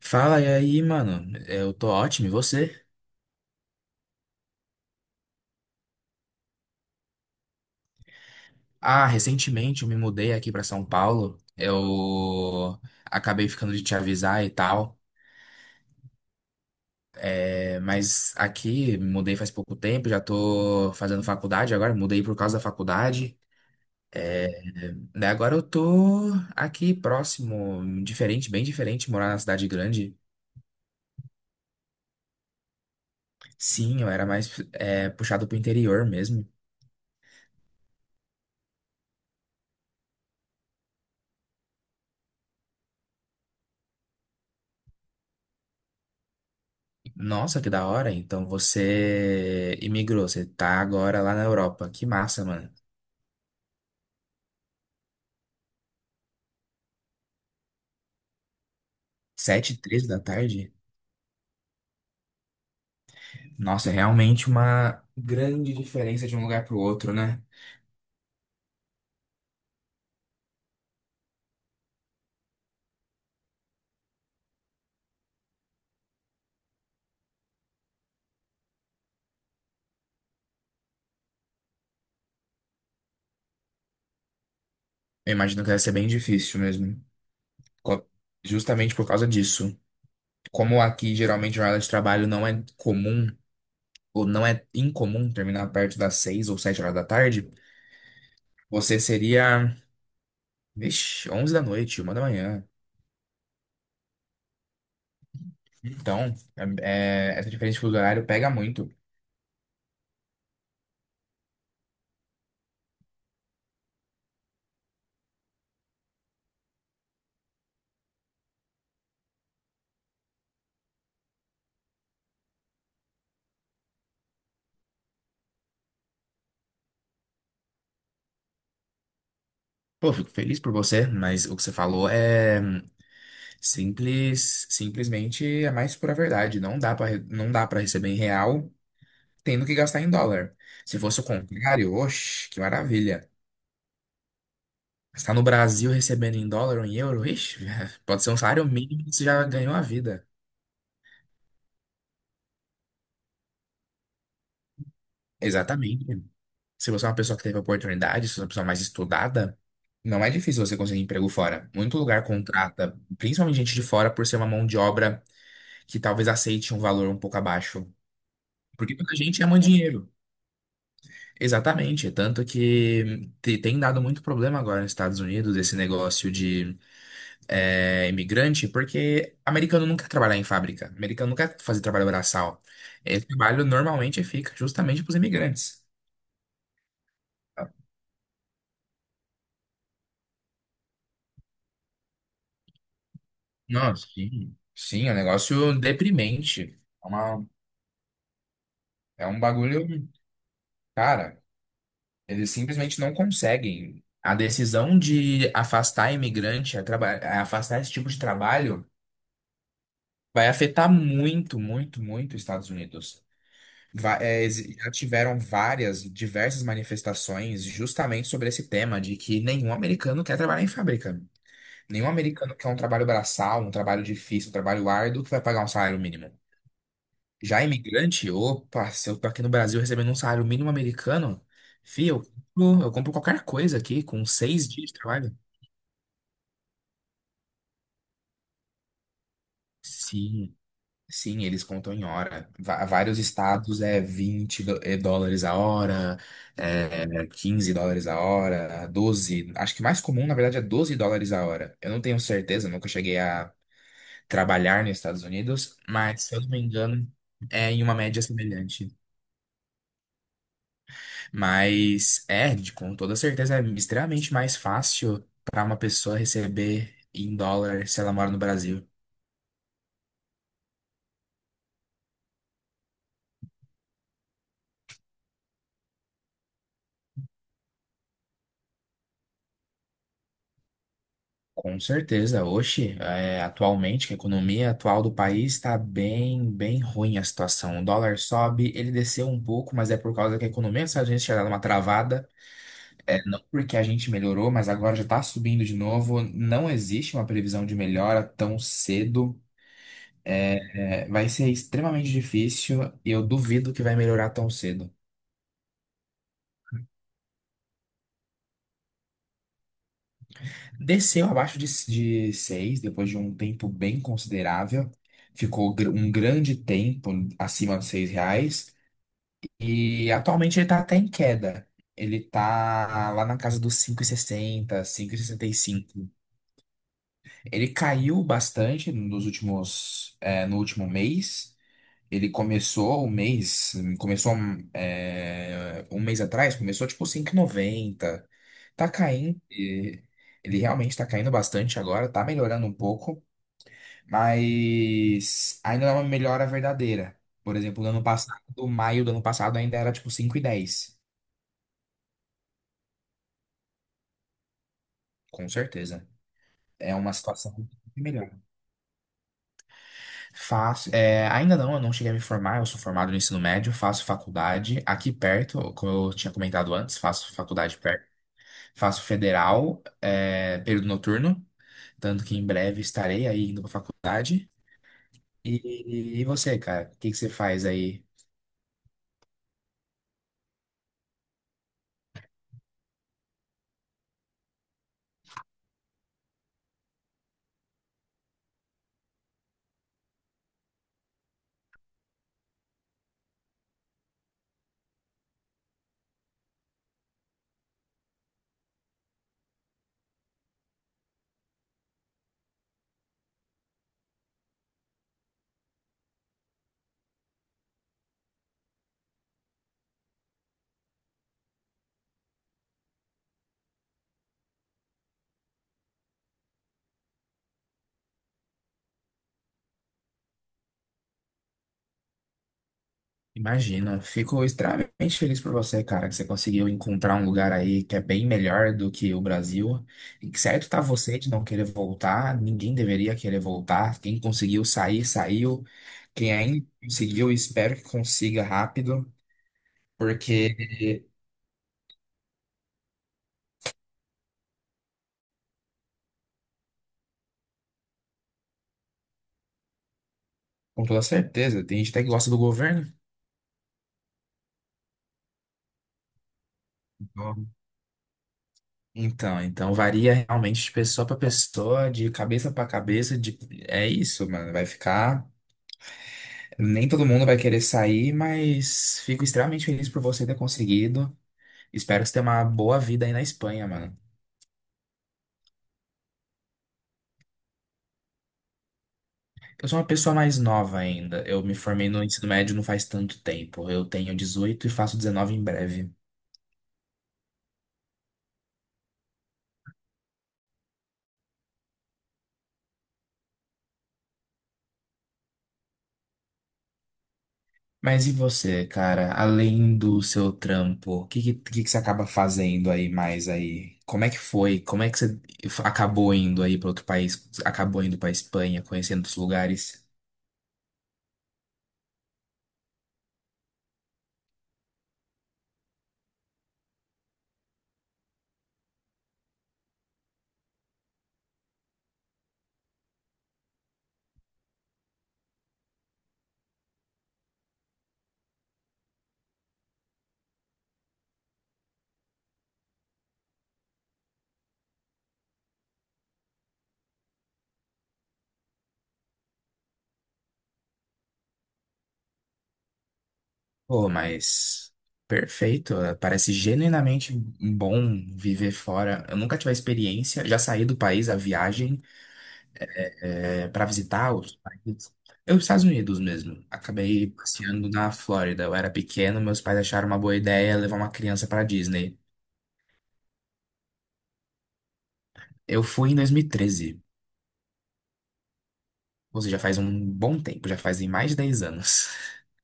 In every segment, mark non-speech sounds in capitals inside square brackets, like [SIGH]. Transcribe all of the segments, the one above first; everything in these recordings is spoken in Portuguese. Fala, e aí, mano? Eu tô ótimo, e você? Ah, recentemente eu me mudei aqui pra São Paulo. Eu acabei ficando de te avisar e tal. É, mas aqui, me mudei faz pouco tempo, já tô fazendo faculdade agora, mudei por causa da faculdade. Daí agora eu tô aqui próximo, diferente, bem diferente, morar na cidade grande. Sim, eu era mais é, puxado pro interior mesmo. Nossa, que da hora. Então você imigrou, você tá agora lá na Europa. Que massa, mano. Sete e três da tarde? Nossa, é realmente uma grande diferença de um lugar pro outro, né? Eu imagino que deve ser bem difícil mesmo. Co- Justamente por causa disso. Como aqui geralmente a jornada de trabalho não é comum, ou não é incomum terminar perto das seis ou sete horas da tarde, você seria, vixi, 11 da noite, uma da manhã. Então, essa diferença de fuso horário pega muito. Pô, fico feliz por você, mas o que você falou é. Simples, simplesmente é mais pura verdade. Não dá para receber em real, tendo que gastar em dólar. Se fosse o contrário, oxe, que maravilha. Estar no Brasil recebendo em dólar ou em euro, ixi, [LAUGHS] pode ser um salário mínimo que você já ganhou a vida. Exatamente. Se você é uma pessoa que teve oportunidade, se você é uma pessoa mais estudada, não é difícil você conseguir emprego fora. Muito lugar contrata, principalmente gente de fora, por ser uma mão de obra que talvez aceite um valor um pouco abaixo. Porque muita gente ama dinheiro. Exatamente, tanto que tem dado muito problema agora nos Estados Unidos esse negócio de é, imigrante, porque americano nunca trabalhar em fábrica, americano nunca fazer trabalho braçal. Esse trabalho normalmente fica justamente para os imigrantes. Nossa, sim, sim, é um negócio deprimente. É uma, é um bagulho, cara, eles simplesmente não conseguem. A decisão de afastar imigrante, a afastar esse tipo de trabalho. Vai afetar muito, muito, muito os Estados Unidos. Já tiveram várias, diversas manifestações justamente sobre esse tema de que nenhum americano quer trabalhar em fábrica. Nenhum americano quer um trabalho braçal, um trabalho difícil, um trabalho árduo que vai pagar um salário mínimo. Já imigrante, opa, se eu tô aqui no Brasil recebendo um salário mínimo americano, fio, eu compro qualquer coisa aqui com 6 dias de trabalho. Sim, sim, eles contam em hora. Vários estados é dólares a hora, é 15 dólares a hora, 12 acho que mais comum, na verdade, é 12 dólares a hora. Eu não tenho certeza, nunca cheguei a trabalhar nos Estados Unidos, mas se eu não me engano, é em uma média semelhante. Mas é, com toda certeza, é extremamente mais fácil para uma pessoa receber em dólar se ela mora no Brasil. Com certeza, hoje, é, atualmente, que a economia atual do país está bem, bem ruim a situação. O dólar sobe, ele desceu um pouco, mas é por causa que a economia dos Estados Unidos tinha dado uma travada. É, não porque a gente melhorou, mas agora já está subindo de novo. Não existe uma previsão de melhora tão cedo. É, vai ser extremamente difícil e eu duvido que vai melhorar tão cedo. Desceu abaixo de 6 depois de um tempo bem considerável. Ficou um grande tempo acima dos 6 reais. E atualmente ele tá até em queda. Ele tá lá na casa dos 5,60, 5,65. Ele caiu bastante nos últimos, é, no último mês. Ele começou o mês, começou é, um mês atrás, começou tipo 5,90. Tá caindo. E ele realmente tá caindo bastante agora, tá melhorando um pouco, mas ainda não é uma melhora verdadeira. Por exemplo, no ano passado, maio do ano passado ainda era tipo 5,10. Com certeza. É uma situação melhor. Faço, é, ainda não, eu não cheguei a me formar, eu sou formado no ensino médio, faço faculdade aqui perto, como eu tinha comentado antes, faço faculdade perto, faço federal, é, período noturno, tanto que em breve estarei aí indo para faculdade. E você, cara, o que que você faz aí? Imagino, fico extremamente feliz por você, cara, que você conseguiu encontrar um lugar aí que é bem melhor do que o Brasil. E que certo tá você de não querer voltar, ninguém deveria querer voltar. Quem conseguiu sair, saiu. Quem ainda conseguiu, espero que consiga rápido, porque com toda certeza, tem gente até que gosta do governo. Então, então varia realmente de pessoa para pessoa, de cabeça para cabeça, de... é isso, mano, vai ficar. Nem todo mundo vai querer sair, mas fico extremamente feliz por você ter conseguido. Espero que você tenha uma boa vida aí na Espanha, mano. Eu sou uma pessoa mais nova ainda. Eu me formei no ensino médio não faz tanto tempo. Eu tenho 18 e faço 19 em breve. Mas e você, cara? Além do seu trampo, o que que você acaba fazendo aí mais aí? Como é que foi? Como é que você acabou indo aí para outro país? Acabou indo para Espanha, conhecendo os lugares? Pô, mas perfeito. Parece genuinamente um bom viver fora. Eu nunca tive a experiência, já saí do país a viagem é, para visitar outros países. Eu, Estados Unidos mesmo. Acabei passeando na Flórida. Eu era pequeno, meus pais acharam uma boa ideia levar uma criança para Disney. Eu fui em 2013, ou seja, faz um bom tempo, já fazem mais de 10 anos. [LAUGHS]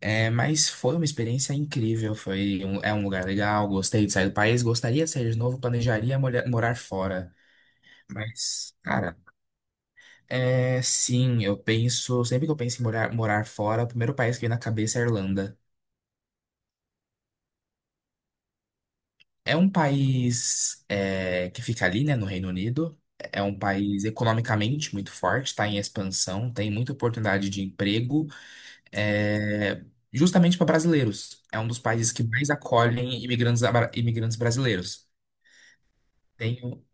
É, mas foi uma experiência incrível, é um lugar legal, gostei de sair do país, gostaria de sair de novo, planejaria morar fora. Mas, cara, é sim, eu penso, sempre que eu penso em morar fora, o primeiro país que vem na cabeça é a Irlanda. É um país é, que fica ali, né, no Reino Unido. É um país economicamente muito forte, está em expansão, tem muita oportunidade de emprego, é, justamente para brasileiros. É um dos países que mais acolhem imigrantes, imigrantes brasileiros. Tenho,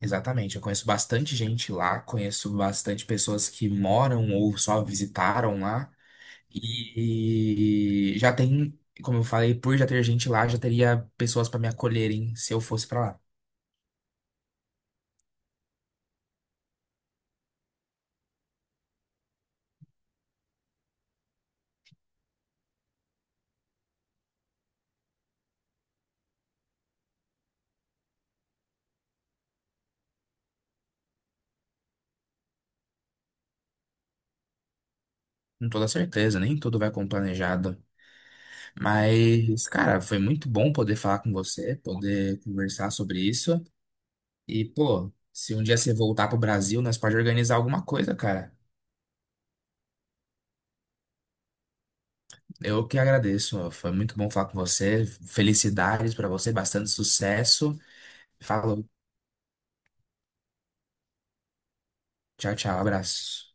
exatamente, eu conheço bastante gente lá, conheço bastante pessoas que moram ou só visitaram lá. E já tem, como eu falei, por já ter gente lá, já teria pessoas para me acolherem se eu fosse para lá. Com toda certeza, nem tudo vai como planejado. Mas, cara, foi muito bom poder falar com você, poder conversar sobre isso. E, pô, se um dia você voltar pro Brasil, nós pode organizar alguma coisa, cara. Eu que agradeço. Ó. Foi muito bom falar com você. Felicidades para você, bastante sucesso. Falou. Tchau, tchau. Abraço.